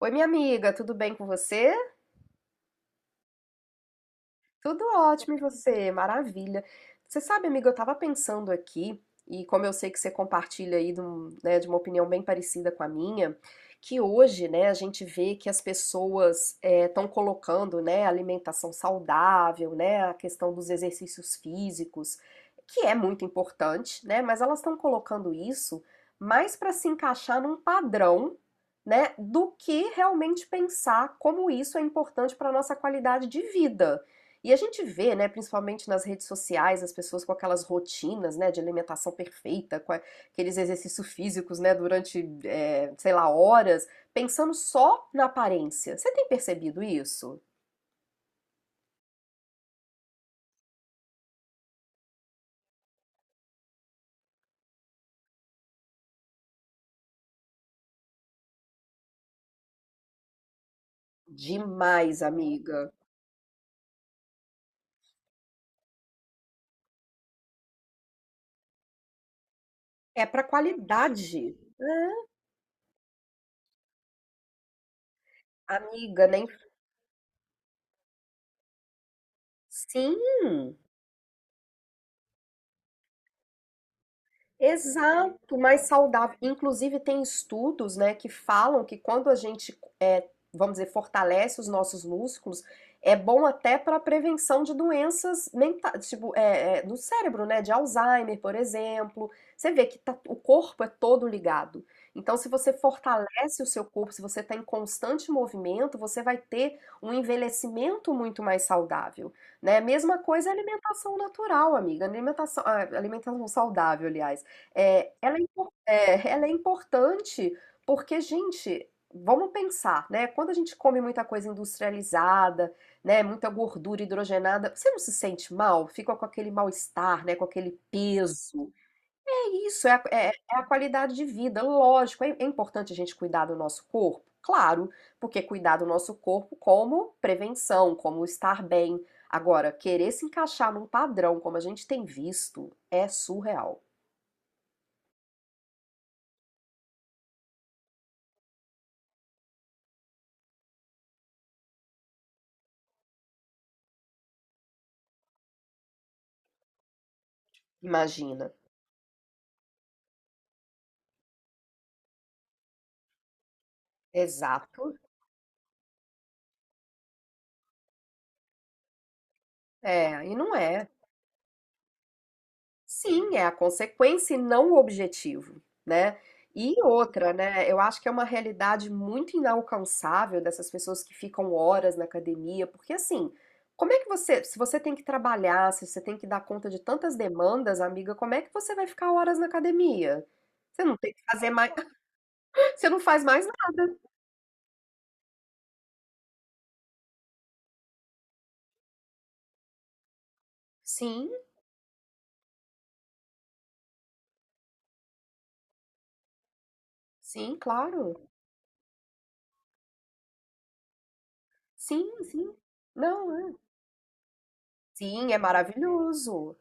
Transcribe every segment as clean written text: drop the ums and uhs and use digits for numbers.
Oi, minha amiga, tudo bem com você? Tudo ótimo, e você? Maravilha. Você sabe, amiga, eu estava pensando aqui, e como eu sei que você compartilha aí né, de uma opinião bem parecida com a minha, que hoje, né, a gente vê que as pessoas estão colocando, né, alimentação saudável, né, a questão dos exercícios físicos, que é muito importante, né, mas elas estão colocando isso mais para se encaixar num padrão, né, do que realmente pensar como isso é importante para a nossa qualidade de vida. E a gente vê, né, principalmente nas redes sociais, as pessoas com aquelas rotinas, né, de alimentação perfeita, com aqueles exercícios físicos, né, durante, sei lá, horas, pensando só na aparência. Você tem percebido isso? Demais, amiga. É pra qualidade. É, amiga, nem. Sim! Exato, mais saudável. Inclusive, tem estudos, né, que falam que quando a gente, vamos dizer, fortalece os nossos músculos, é bom até para a prevenção de doenças mentais, tipo, no cérebro, né, de Alzheimer, por exemplo. Você vê que o corpo é todo ligado. Então, se você fortalece o seu corpo, se você está em constante movimento, você vai ter um envelhecimento muito mais saudável, né? Mesma coisa é alimentação natural, amiga. Ah, alimentação saudável, aliás. É, ela é importante porque, gente, vamos pensar, né? Quando a gente come muita coisa industrializada, né? Muita gordura hidrogenada, você não se sente mal? Fica com aquele mal-estar, né? Com aquele peso. É isso, é a qualidade de vida. Lógico, é importante a gente cuidar do nosso corpo. Claro, porque cuidar do nosso corpo como prevenção, como estar bem. Agora, querer se encaixar num padrão como a gente tem visto é surreal. Imagina. Exato. É, e não é. Sim, é a consequência e não o objetivo, né? E outra, né? Eu acho que é uma realidade muito inalcançável dessas pessoas que ficam horas na academia, porque assim, como é que você, se você tem que trabalhar, se você tem que dar conta de tantas demandas, amiga, como é que você vai ficar horas na academia? Você não tem que fazer mais, você não faz mais nada. Sim, sim, claro. Sim, sim. Não, é. Sim, é maravilhoso.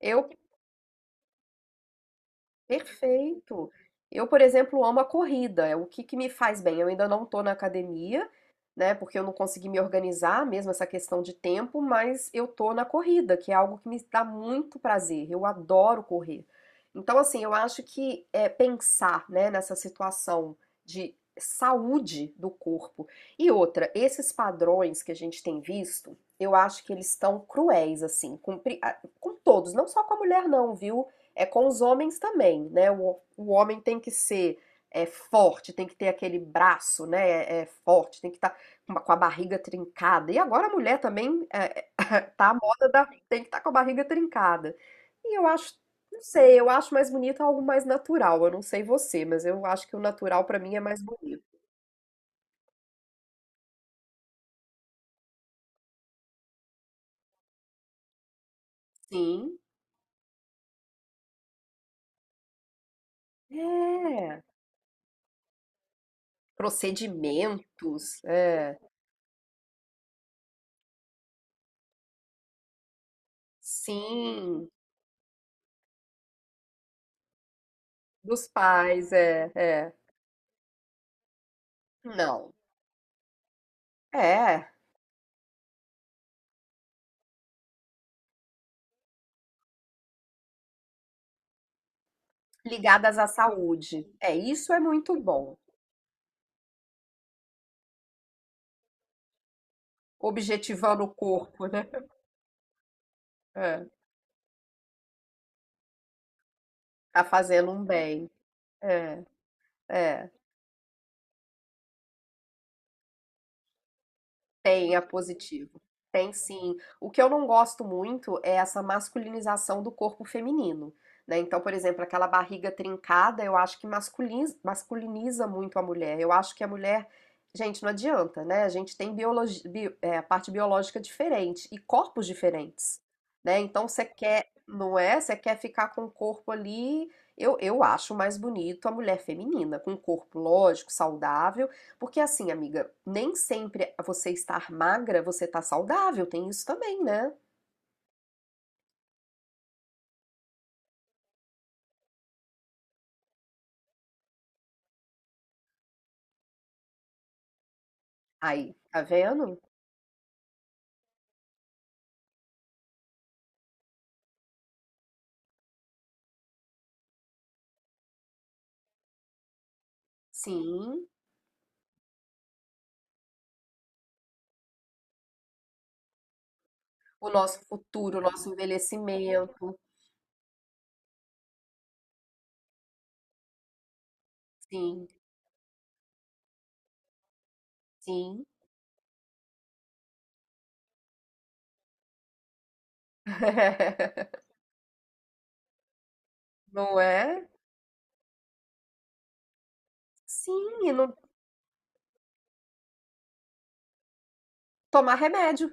Eu Perfeito. Eu, por exemplo, amo a corrida. É o que que me faz bem. Eu ainda não estou na academia, né? Porque eu não consegui me organizar mesmo essa questão de tempo, mas eu tô na corrida, que é algo que me dá muito prazer. Eu adoro correr. Então, assim, eu acho que é pensar, né, nessa situação de saúde do corpo. E outra, esses padrões que a gente tem visto, eu acho que eles estão cruéis, assim, com todos, não só com a mulher, não, viu? É com os homens também, né? O homem tem que ser forte, tem que ter aquele braço, né? É forte, tem que estar com a barriga trincada. E agora a mulher também tá a moda da tem que estar com a barriga trincada. E eu acho, não sei, eu acho mais bonito algo mais natural. Eu não sei você, mas eu acho que o natural pra mim é mais bonito. Sim, é. Procedimentos, é. Sim, dos pais, é, é. Não. É. Ligadas à saúde. É, isso é muito bom. Objetivando o corpo, é, tá fazendo um bem. É, é. Tem, é positivo. Tem sim. O que eu não gosto muito é essa masculinização do corpo feminino, né? Então, por exemplo, aquela barriga trincada, eu acho que masculiniza, masculiniza muito a mulher. Eu acho que a mulher, gente, não adianta, né? A gente tem a parte biológica diferente e corpos diferentes, né? Então, você quer, não é? Você quer ficar com o corpo ali. Eu acho mais bonito a mulher feminina, com um corpo lógico, saudável porque assim, amiga, nem sempre você estar magra, você tá saudável, tem isso também, né? Aí, tá vendo? Sim, o nosso futuro, o nosso envelhecimento, sim, sim. Não é? Sim, e não tomar remédio.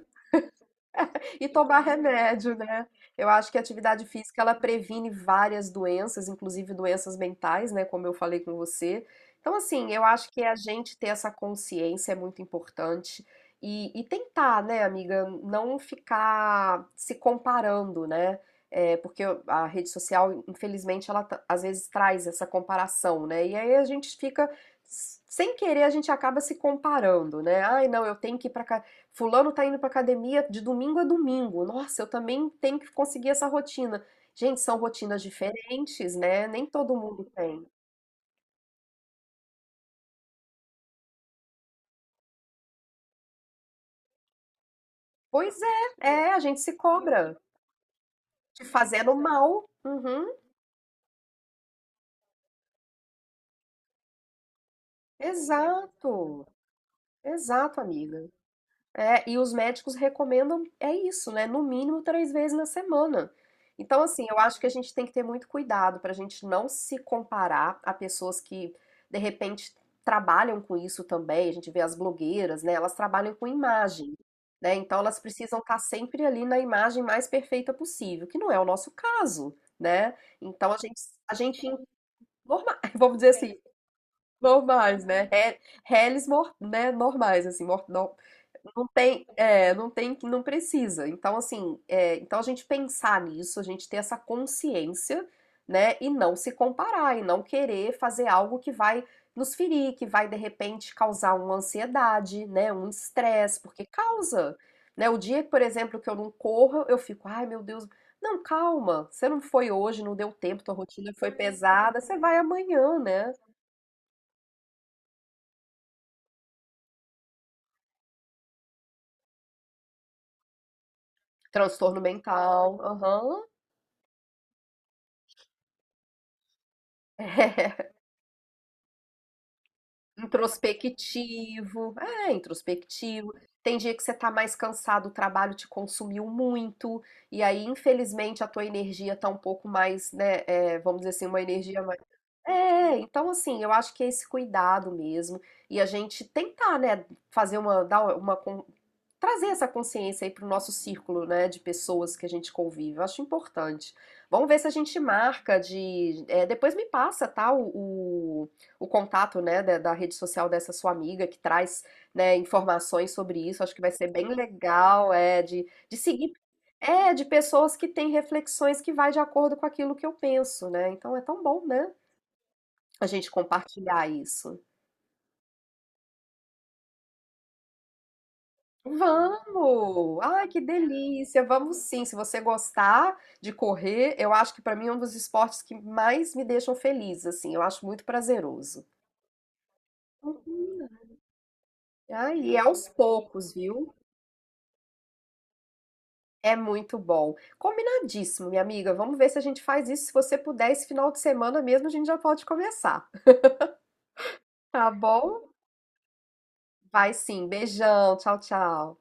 E tomar remédio, né? Eu acho que a atividade física ela previne várias doenças, inclusive doenças mentais, né? Como eu falei com você. Então, assim, eu acho que a gente ter essa consciência é muito importante e tentar, né, amiga, não ficar se comparando, né? É, porque a rede social, infelizmente, ela às vezes traz essa comparação, né? E aí a gente fica, sem querer, a gente acaba se comparando, né? Ai, não, eu tenho que ir pra cá. Fulano tá indo pra academia de domingo a domingo. Nossa, eu também tenho que conseguir essa rotina. Gente, são rotinas diferentes, né? Nem todo mundo tem. Pois é, a gente se cobra. Te fazendo mal. Uhum, exato. Exato, amiga. É, e os médicos recomendam, é isso, né? No mínimo três vezes na semana. Então, assim, eu acho que a gente tem que ter muito cuidado para a gente não se comparar a pessoas que, de repente, trabalham com isso também. A gente vê as blogueiras, né? Elas trabalham com imagem, né? Então, elas precisam estar sempre ali na imagem mais perfeita possível, que não é o nosso caso, né? Então, a gente, vamos dizer assim, normais, né? Reles, né? Normais, assim, não tem, não tem, não precisa. Então, assim, então a gente pensar nisso, a gente ter essa consciência, né, e não se comparar, e não querer fazer algo que vai nos ferir, que vai de repente causar uma ansiedade, né, um estresse, porque causa, né? O dia, por exemplo, que eu não corro, eu fico, ai meu Deus, não, calma, você não foi hoje, não deu tempo, tua rotina foi pesada, você vai amanhã, né? Transtorno mental, aham. Introspectivo, é introspectivo. Tem dia que você tá mais cansado, o trabalho te consumiu muito, e aí, infelizmente, a tua energia tá um pouco mais, né? Vamos dizer assim, uma energia mais. É, então assim, eu acho que é esse cuidado mesmo. E a gente tentar, né, fazer uma, dar uma, con- trazer essa consciência aí pro nosso círculo, né, de pessoas que a gente convive. Eu acho importante. Vamos ver se a gente marca de. Depois me passa, tá? O contato, né, da rede social dessa sua amiga que traz, né, informações sobre isso. Acho que vai ser bem legal, de seguir, de pessoas que têm reflexões que vai de acordo com aquilo que eu penso, né? Então é tão bom, né? A gente compartilhar isso. Vamos! Ai, que delícia! Vamos sim. Se você gostar de correr, eu acho que para mim é um dos esportes que mais me deixam feliz, assim. Eu acho muito prazeroso. Uhum. Ah, e é aos poucos, viu? É muito bom. Combinadíssimo, minha amiga. Vamos ver se a gente faz isso. Se você puder, esse final de semana mesmo, a gente já pode começar. Tá bom? Vai sim. Beijão. Tchau, tchau.